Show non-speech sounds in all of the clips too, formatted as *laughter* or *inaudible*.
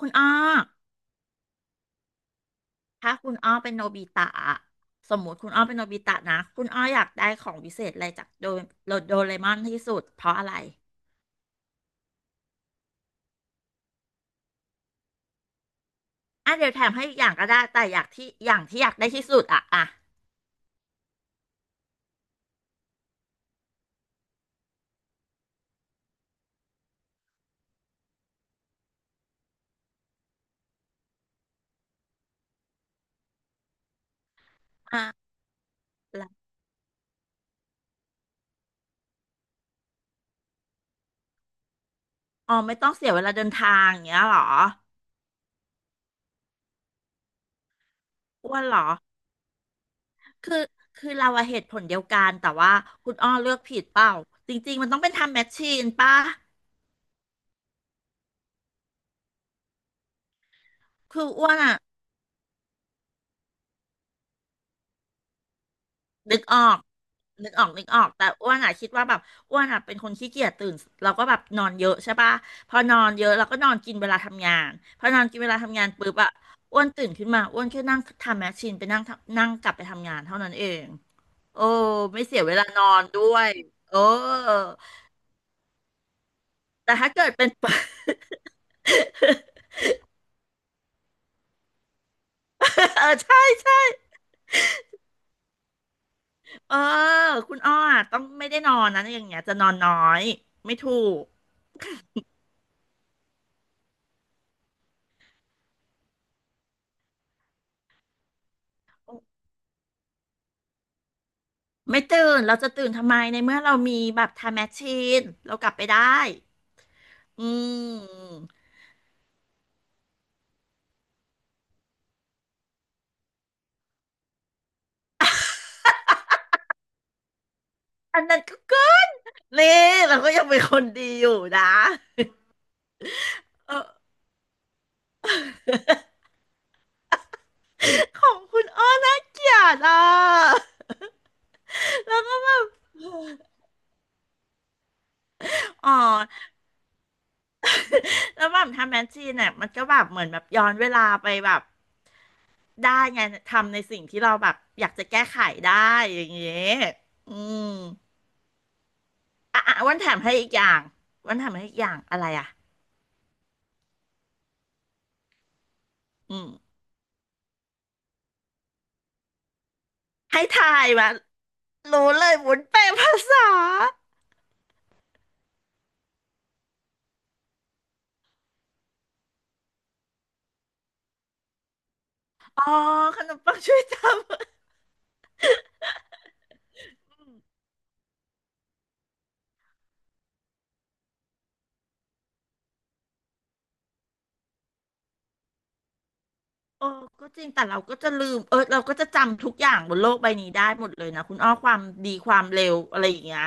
คุณอ้อถ้าคุณอ้อเป็นโนบิตะอะสมมุติคุณอ้อเป็นโนบิตะนะคุณอ้ออยากได้ของวิเศษอะไรจากโดเรมอนที่สุดเพราะอะไรอ่ะเดี๋ยวแถมให้อีกอย่างก็ได้แต่อยากที่อย่างที่อยากได้ที่สุดอ่ะอ่ะอ่ะแล้วอ๋อไม่ต้องเสียเวลาเดินทางอย่างเงี้ยเหรออ้วนเหรอคือคือเราอะเหตุผลเดียวกันแต่ว่าคุณอ้อเลือกผิดเปล่าจริงๆมันต้องเป็นทำแมชชีนป่ะคืออ้วนอะ นึกออกนึกออกนึกออกแต่อ้วนอ่ะคิดว่าแบบอ้วนอ่ะเป็นคนขี้เกียจตื่นเราก็แบบนอนเยอะใช่ปะพอนอนเยอะเราก็นอนกินเวลาทำงานพอนอนกินเวลาทำงานปุ๊บอ่ะอ้วนตื่นขึ้นมาอ้วนแค่นั่งทำแมชชีนไปนั่งทำนั่งกลับไปทำงานเท่านั้นเองโอ้ไม่เสียเวลานอนด้วยโอ้แต่ถ้าเกิดเป็น *laughs* เออใช่ใช่เออคุณอ้ออะต้องไม่ได้นอนนะอย่างเงี้ยจะนอนน้อยไม่ถูก ไม่ตื่น เราจะตื่นทำไมในเมื่อเรามีแบบไทม์แมชชีนเรากลับไปได้ อืมอันนั้นก็เกินนี่เราก็ยังเป็นคนดีอยู่นะเออ *laughs* ของคุณอ้อน่าเกลียดอ่ะ *laughs* แล้วก็แบบอ๋อแล้วแบบทำแมชชีนเนี่ยมันก็แบบเหมือนแบบย้อนเวลาไปแบบได้ไงทำในสิ่งที่เราแบบอยากจะแก้ไขได้อย่างเงี้ยอืม อ่ะอ่ะวันถามให้อีกอย่าง้วันถามให้อีกอย่างอะไรอ่ะอืมให้ทายมารู้เลยวุ้นแปลภาษาอ๋อขนมปังช่วยจำ *laughs* โอ้ก็จริงแต่เราก็จะลืมเออเราก็จะจำทุกอย่างบนโลกใบนี้ได้หมดเลยนะคุณอ้อความดีความเร็วอะไรอย่างเงี้ย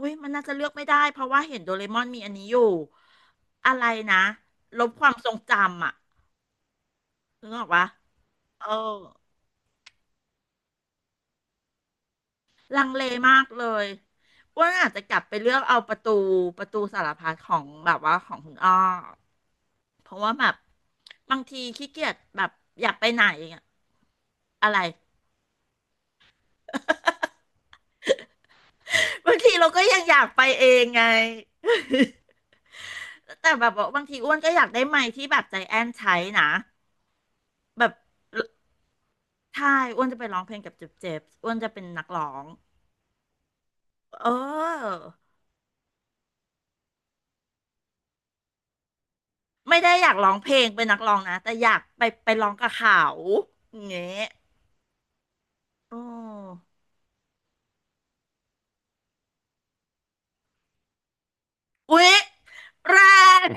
อุ้ยมันน่าจะเลือกไม่ได้เพราะว่าเห็นโดเรมอนมีอันนี้อยู่อะไรนะลบความทรงจำอ่ะนึกออกปะเออ ลังเลมากเลยอ้วนอาจจะกลับไปเลือกเอาประตูประตูสารพัดของแบบว่าของคุณอ้อเพราะว่าแบบบางทีขี้เกียจแบบอยากไปไหนอะอะไร *laughs* บางทีเราก็ยังอยากไปเองไง *laughs* แต่แบบว่าบางทีอ้วนก็อยากได้ไมค์ที่แบบใจแอนใช้นะแบบใช่อ้วนจะไปร้องเพลงกับเจ็บเจ็บอ้วนจะเป็นนักร้องเออไม่ได้อยากร้องเพลงเป็นนักร้องนะแต่อยากไปไปร้องกับเขาอย่างเงี้ย อ๋ออุ๊ยแรง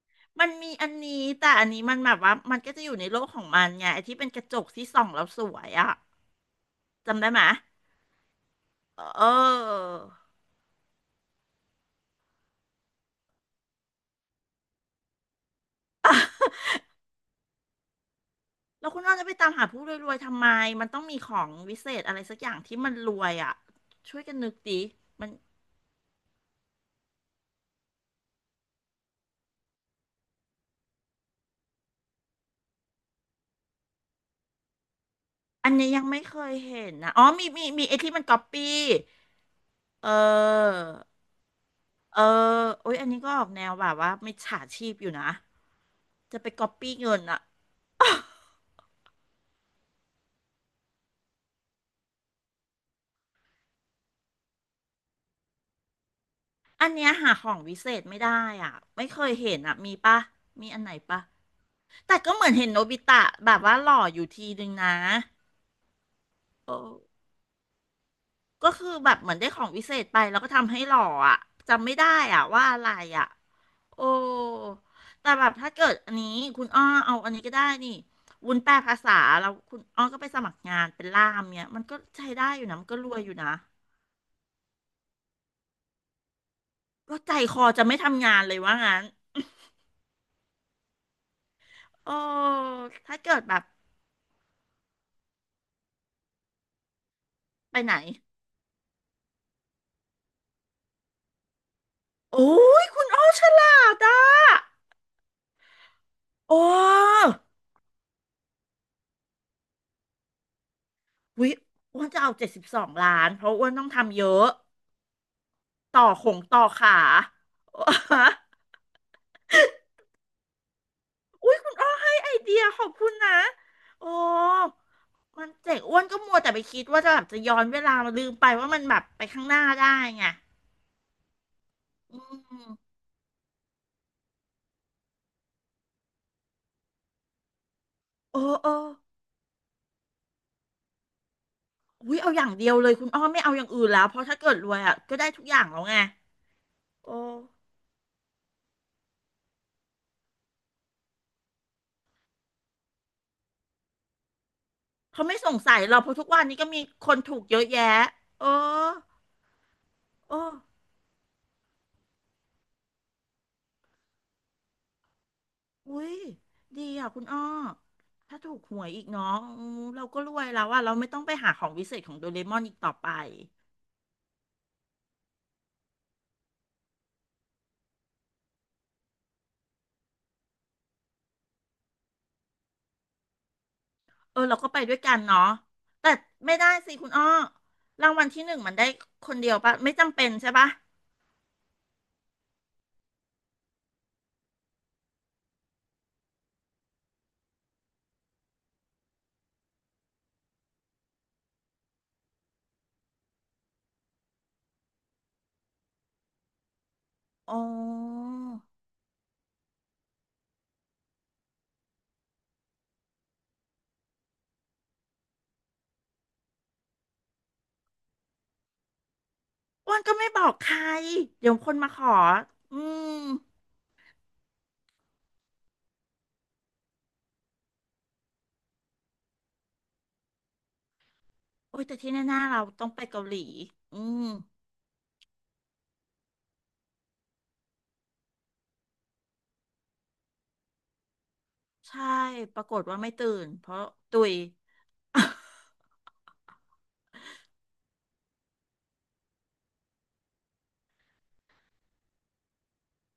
*laughs* มันมีอันนี้แต่อันนี้มันแบบว่ามันก็จะอยู่ในโลกของมันไงไอ้ที่เป็นกระจกที่ส่องแล้วสวยอะจำได้ไหมเออแล้วคุณน้องจะไปตามหาผู้รวยๆทำไมมันต้องมีของวิเศษอะไรสักอย่างที่มันรวยอะช่วยกันนึกดิมันอันนี้ยังไม่เคยเห็นนะอ๋อมีไอ้ที่มันก๊อปปี้เออเออโอ้ยอันนี้ก็ออกแนวแบบว่ามิจฉาชีพอยู่นะจะไปก๊อปปี้เงินอะ อันเนี้ยหาของวิเศษไม่ได้อ่ะไม่เคยเห็นอ่ะมีปะมีอันไหนปะแต่ก็เหมือนเห็นโนบิตะแบบว่าหล่ออยู่ทีนึงนะโอ้ก็คือแบบเหมือนได้ของวิเศษไปแล้วก็ทำให้หล่ออ่ะจำไม่ได้อ่ะว่าอะไรอ่ะโอ้แต่แบบถ้าเกิดอันนี้คุณอ้อเอาอันนี้ก็ได้นี่วุ้นแปลภาษาแล้วคุณอ้อก็ไปสมัครงานเป็นล่ามเนี่ยมันก็ใช้ได้อยู่นะมันก็รวยอยู่นะก็ใจคอจะไม่ทำงานเลยว่างั้นโอ้ถ้าเกิดแบบไปไหน โอ้ยคุณอ้อฉลาดอ่ะโอ้วิอ้วนจะเอา72 ล้านเพราะอ้วนต้องทำเยอะต่อขงต่อขา *laughs* อุ้ยคุณอ้อให้ไอเดียขอบคุณนะโอ้มันเจ๋งอ้วนก็มัวแต่ไปคิดว่าจะแบบจะย้อนเวลามาลืมไปว่ามันแบบไปข้างหน้าได้ไงอืมเออเอออุ้ยเอาอย่างเดียวเลยคุณอ้อไม่เอาอย่างอื่นแล้วเพราะถ้าเกิดรวยอ่ะก็ได้ทุกอย่างแล้วไงโอ้ เขาไม่สงสัยเราเพราะทุกวันนี้ก็มีคนถูกเยอะแยะ เออเอ้อุ้ยดีอ่ะคุณอ้อถ้าถูกหวยอีกเนาะอืมเราก็รวยแล้วว่าเราไม่ต้องไปหาของวิเศษของโดเรมอนอีกต่อไป เออเราก็ไปด้วยกันเนาะแต่ไม่ได้สิคุณอ้อรางวัลที่หนึ่งมันได้คนเดียวปะไม่จำเป็นใช่ปะอ๋ออ้วนก็ไม่บอกใครเดี๋ยวคนมาขออืมโอ้ยแต่ที่แน่ๆเราต้องไปเกาหลีอืม ใช่ปรากฏว่าไม่ตื่นเพราะตุย *laughs*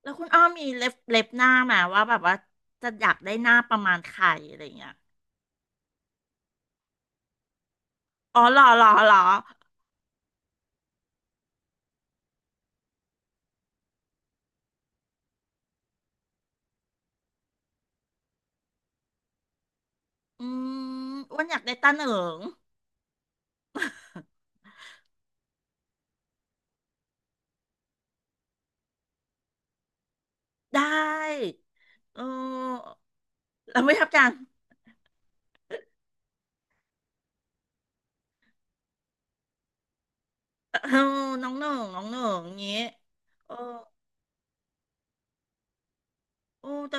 แล้วคุณอ้อมีเล็บเล็บหน้าไหมาว่าแบบว่าจะอยากได้หน้าประมาณใครอะไรอย่างเงี้ยอ๋อเหรอเหรอเหรออืมอ้วนอยากได้ตาเหนิง *laughs* ได้เออเราไม่ทับกัน *laughs* เออน้องหนึ่งน้องหนึ่งอย่างงี้ เออโอ้แต่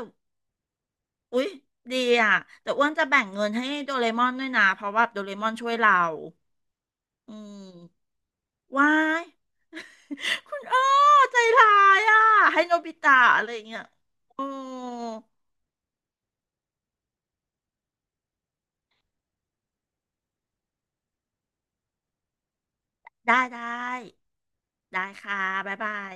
อุ๊ยดีอ่ะแต่อ้วนจะแบ่งเงินให้โดเรมอนด้วยนะเพราะว่าโดเรมอนช่วยเราอืม วาย *laughs* คุณอ้อใจร้ายอ่ะให้โนบิตะอะไรอย่างเงี้ยโอ้ได้ได้ได้ค่ะบ๊ายบาย